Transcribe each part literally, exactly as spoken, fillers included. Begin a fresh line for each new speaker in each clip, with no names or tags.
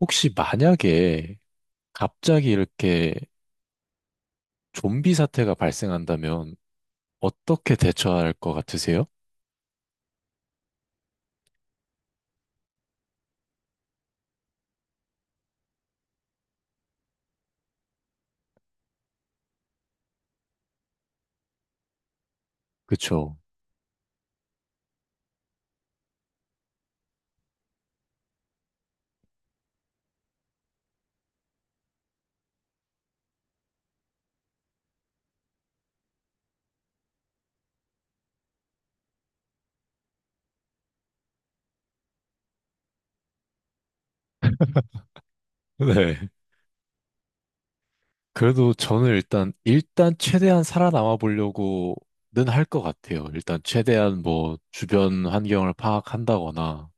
혹시 만약에 갑자기 이렇게 좀비 사태가 발생한다면 어떻게 대처할 것 같으세요? 그쵸? 네. 그래도 저는 일단, 일단 최대한 살아남아 보려고는 할 것 같아요. 일단 최대한 뭐 주변 환경을 파악한다거나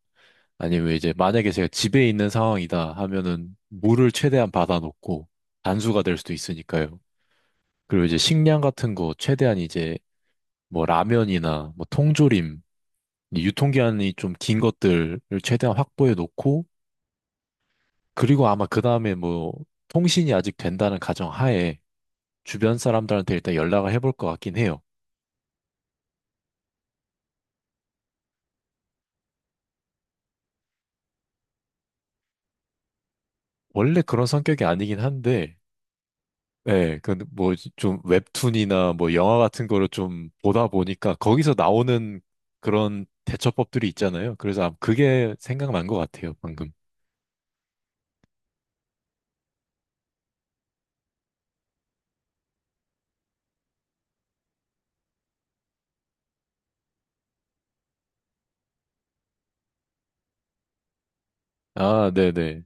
아니면 이제 만약에 제가 집에 있는 상황이다 하면은 물을 최대한 받아놓고 단수가 될 수도 있으니까요. 그리고 이제 식량 같은 거 최대한 이제 뭐 라면이나 뭐 통조림 이 유통기한이 좀 긴 것들을 최대한 확보해 놓고, 그리고 아마 그 다음에 뭐, 통신이 아직 된다는 가정 하에 주변 사람들한테 일단 연락을 해볼 것 같긴 해요. 원래 그런 성격이 아니긴 한데, 예, 그, 뭐, 좀 웹툰이나 뭐 영화 같은 거를 좀 보다 보니까 거기서 나오는 그런 대처법들이 있잖아요. 그래서 아마 그게 생각난 것 같아요, 방금. 아, 네네.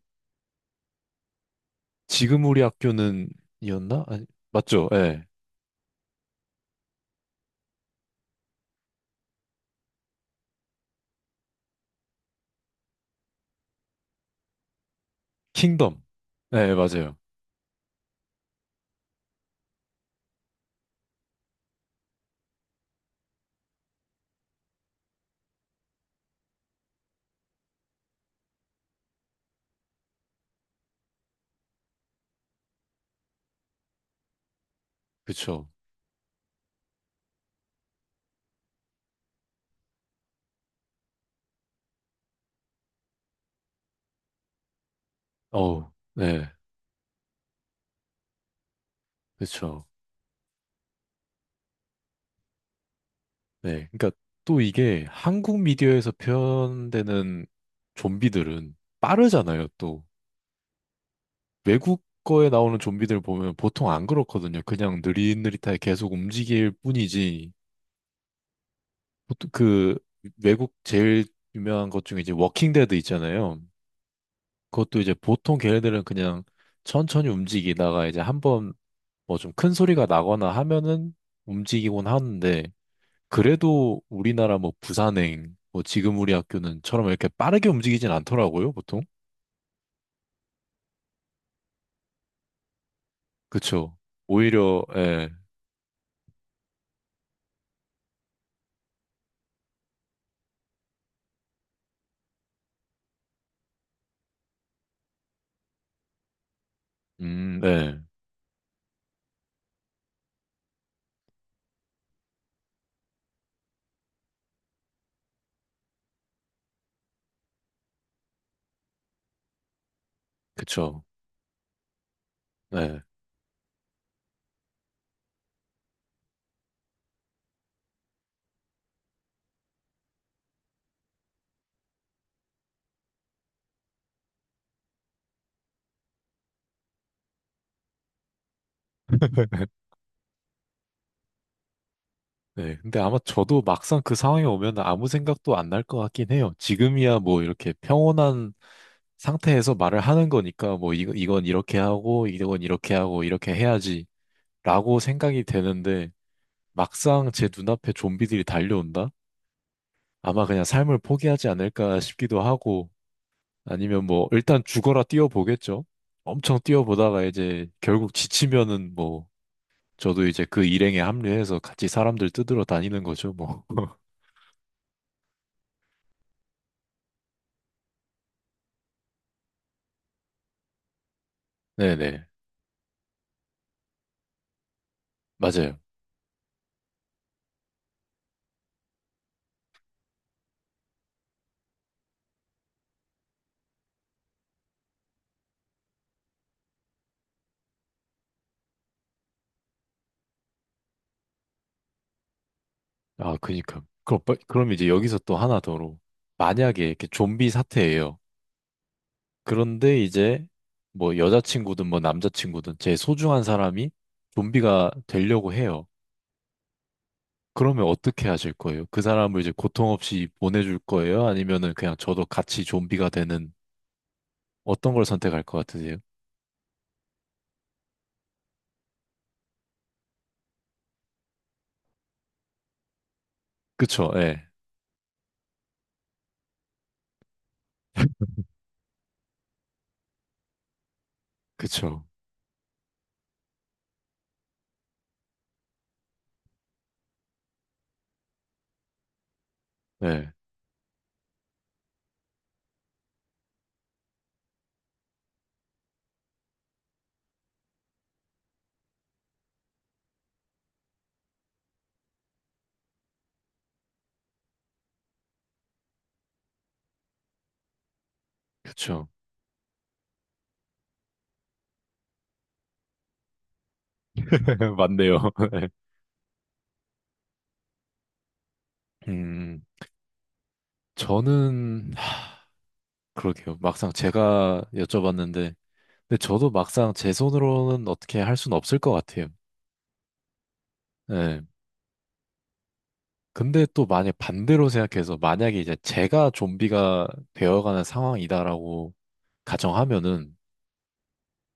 지금 우리 학교는 이었나? 아니, 맞죠? 예. 킹덤. 네, 맞아요. 그쵸. 어, 네, 그렇죠. 네, 그러니까 또 이게 한국 미디어에서 표현되는 좀비들은 빠르잖아요. 또 외국 거에 나오는 좀비들 보면 보통 안 그렇거든요. 그냥 느릿느릿하게 계속 움직일 뿐이지. 보통 그 외국 제일 유명한 것 중에 이제 워킹 데드 있잖아요. 그것도 이제 보통 걔네들은 그냥 천천히 움직이다가 이제 한번 뭐 좀 큰 소리가 나거나 하면은 움직이곤 하는데. 그래도 우리나라 뭐 부산행, 뭐 지금 우리 학교는 처럼 이렇게 빠르게 움직이진 않더라고요, 보통. 그쵸. 오히려, 예, 음, 네, 그쵸. 네, 네. 근데 아마 저도 막상 그 상황에 오면 아무 생각도 안 날 것 같긴 해요. 지금이야 뭐 이렇게 평온한 상태에서 말을 하는 거니까 뭐 이 이건 이렇게 하고, 이건 이렇게 하고, 이렇게 해야지 라고 생각이 되는데 막상 제 눈앞에 좀비들이 달려온다? 아마 그냥 삶을 포기하지 않을까 싶기도 하고, 아니면 뭐 일단 죽어라 뛰어보겠죠. 엄청 뛰어보다가 이제 결국 지치면은 뭐 저도 이제 그 일행에 합류해서 같이 사람들 뜯으러 다니는 거죠, 뭐. 네네. 맞아요. 아, 그니까. 그럼, 빠- 그럼 이제 여기서 또 하나 더로. 만약에 이렇게 좀비 사태예요. 그런데 이제 뭐 여자친구든 뭐 남자친구든 제 소중한 사람이 좀비가 되려고 해요. 그러면 어떻게 하실 거예요? 그 사람을 이제 고통 없이 보내줄 거예요? 아니면은 그냥 저도 같이 좀비가 되는 어떤 걸 선택할 것 같으세요? 그쵸, 예. 그쵸, 예. 그쵸. 맞네요. 예. 음, 저는, 하, 그러게요. 막상 제가 여쭤봤는데, 근데 저도 막상 제 손으로는 어떻게 할 수는 없을 것 같아요. 예. 근데 또 만약 반대로 생각해서, 만약에 이제 제가 좀비가 되어가는 상황이다라고 가정하면은,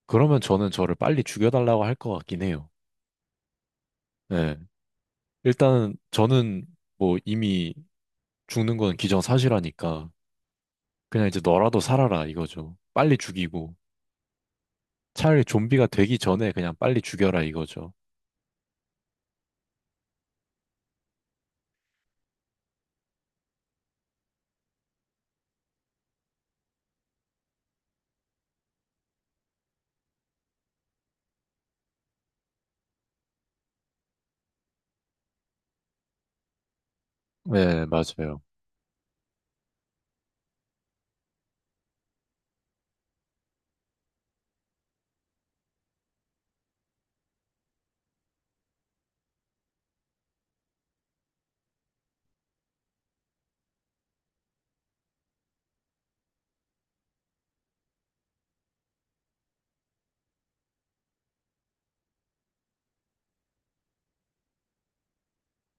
그러면 저는 저를 빨리 죽여달라고 할 것 같긴 해요. 예. 일단 저는 뭐 이미 죽는 건 기정사실하니까 그냥 이제 너라도 살아라 이거죠. 빨리 죽이고 차라리 좀비가 되기 전에 그냥 빨리 죽여라 이거죠. 네, 맞아요.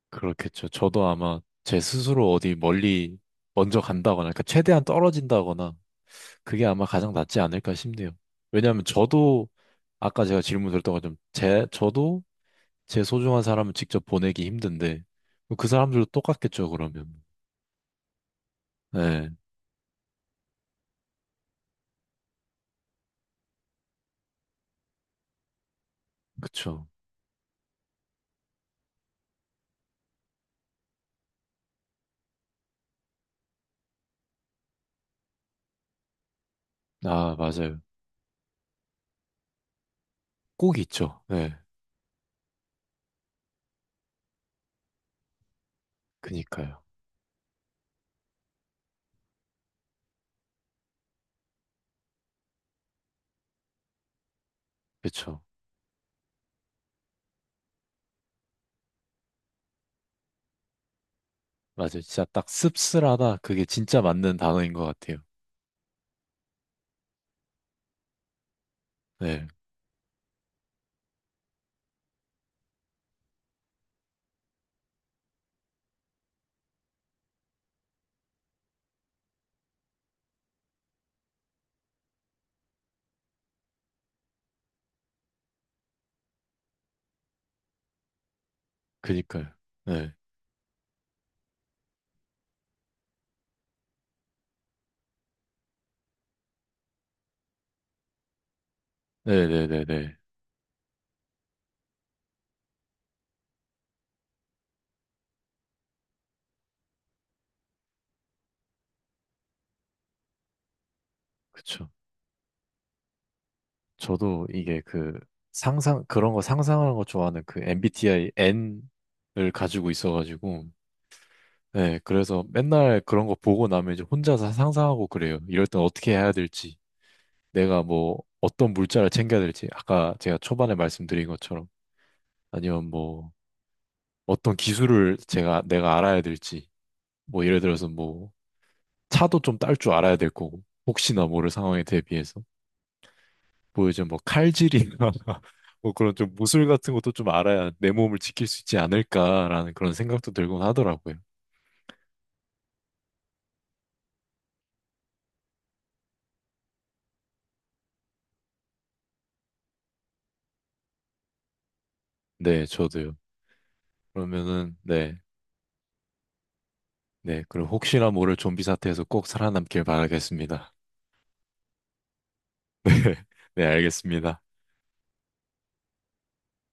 그렇겠죠. 저도 아마 제 스스로 어디 멀리 먼저 간다거나, 그러니까 최대한 떨어진다거나, 그게 아마 가장 낫지 않을까 싶네요. 왜냐하면 저도, 아까 제가 질문 드렸던 것처럼, 제, 저도 제 소중한 사람을 직접 보내기 힘든데, 그 사람들도 똑같겠죠, 그러면. 네, 그쵸. 아, 맞아요. 꼭 있죠. 네. 그니까요. 그쵸. 맞아요. 진짜 딱 씁쓸하다. 그게 진짜 맞는 단어인 것 같아요. 네. 그니까요. 네. 네네네네. 그쵸. 저도 이게 그 상상, 그런 거 상상하는 거 좋아하는 그 엠비티아이 N을 가지고 있어가지고, 네. 그래서 맨날 그런 거 보고 나면 이제 혼자서 상상하고 그래요. 이럴 땐 어떻게 해야 될지, 내가 뭐 어떤 물자를 챙겨야 될지, 아까 제가 초반에 말씀드린 것처럼, 아니면 뭐, 어떤 기술을 제가 내가 알아야 될지 뭐 예를 들어서 뭐 차도 좀 딸 줄 알아야 될 거고 혹시나 모를 상황에 대비해서 뭐 요즘 뭐 칼질이나 뭐 그런 좀 무술 같은 것도 좀 알아야 내 몸을 지킬 수 있지 않을까라는 그런 생각도 들곤 하더라고요. 네, 저도요. 그러면은 네, 네 그리고 혹시나 모를 좀비 사태에서 꼭 살아남길 바라겠습니다. 네, 네, 알겠습니다.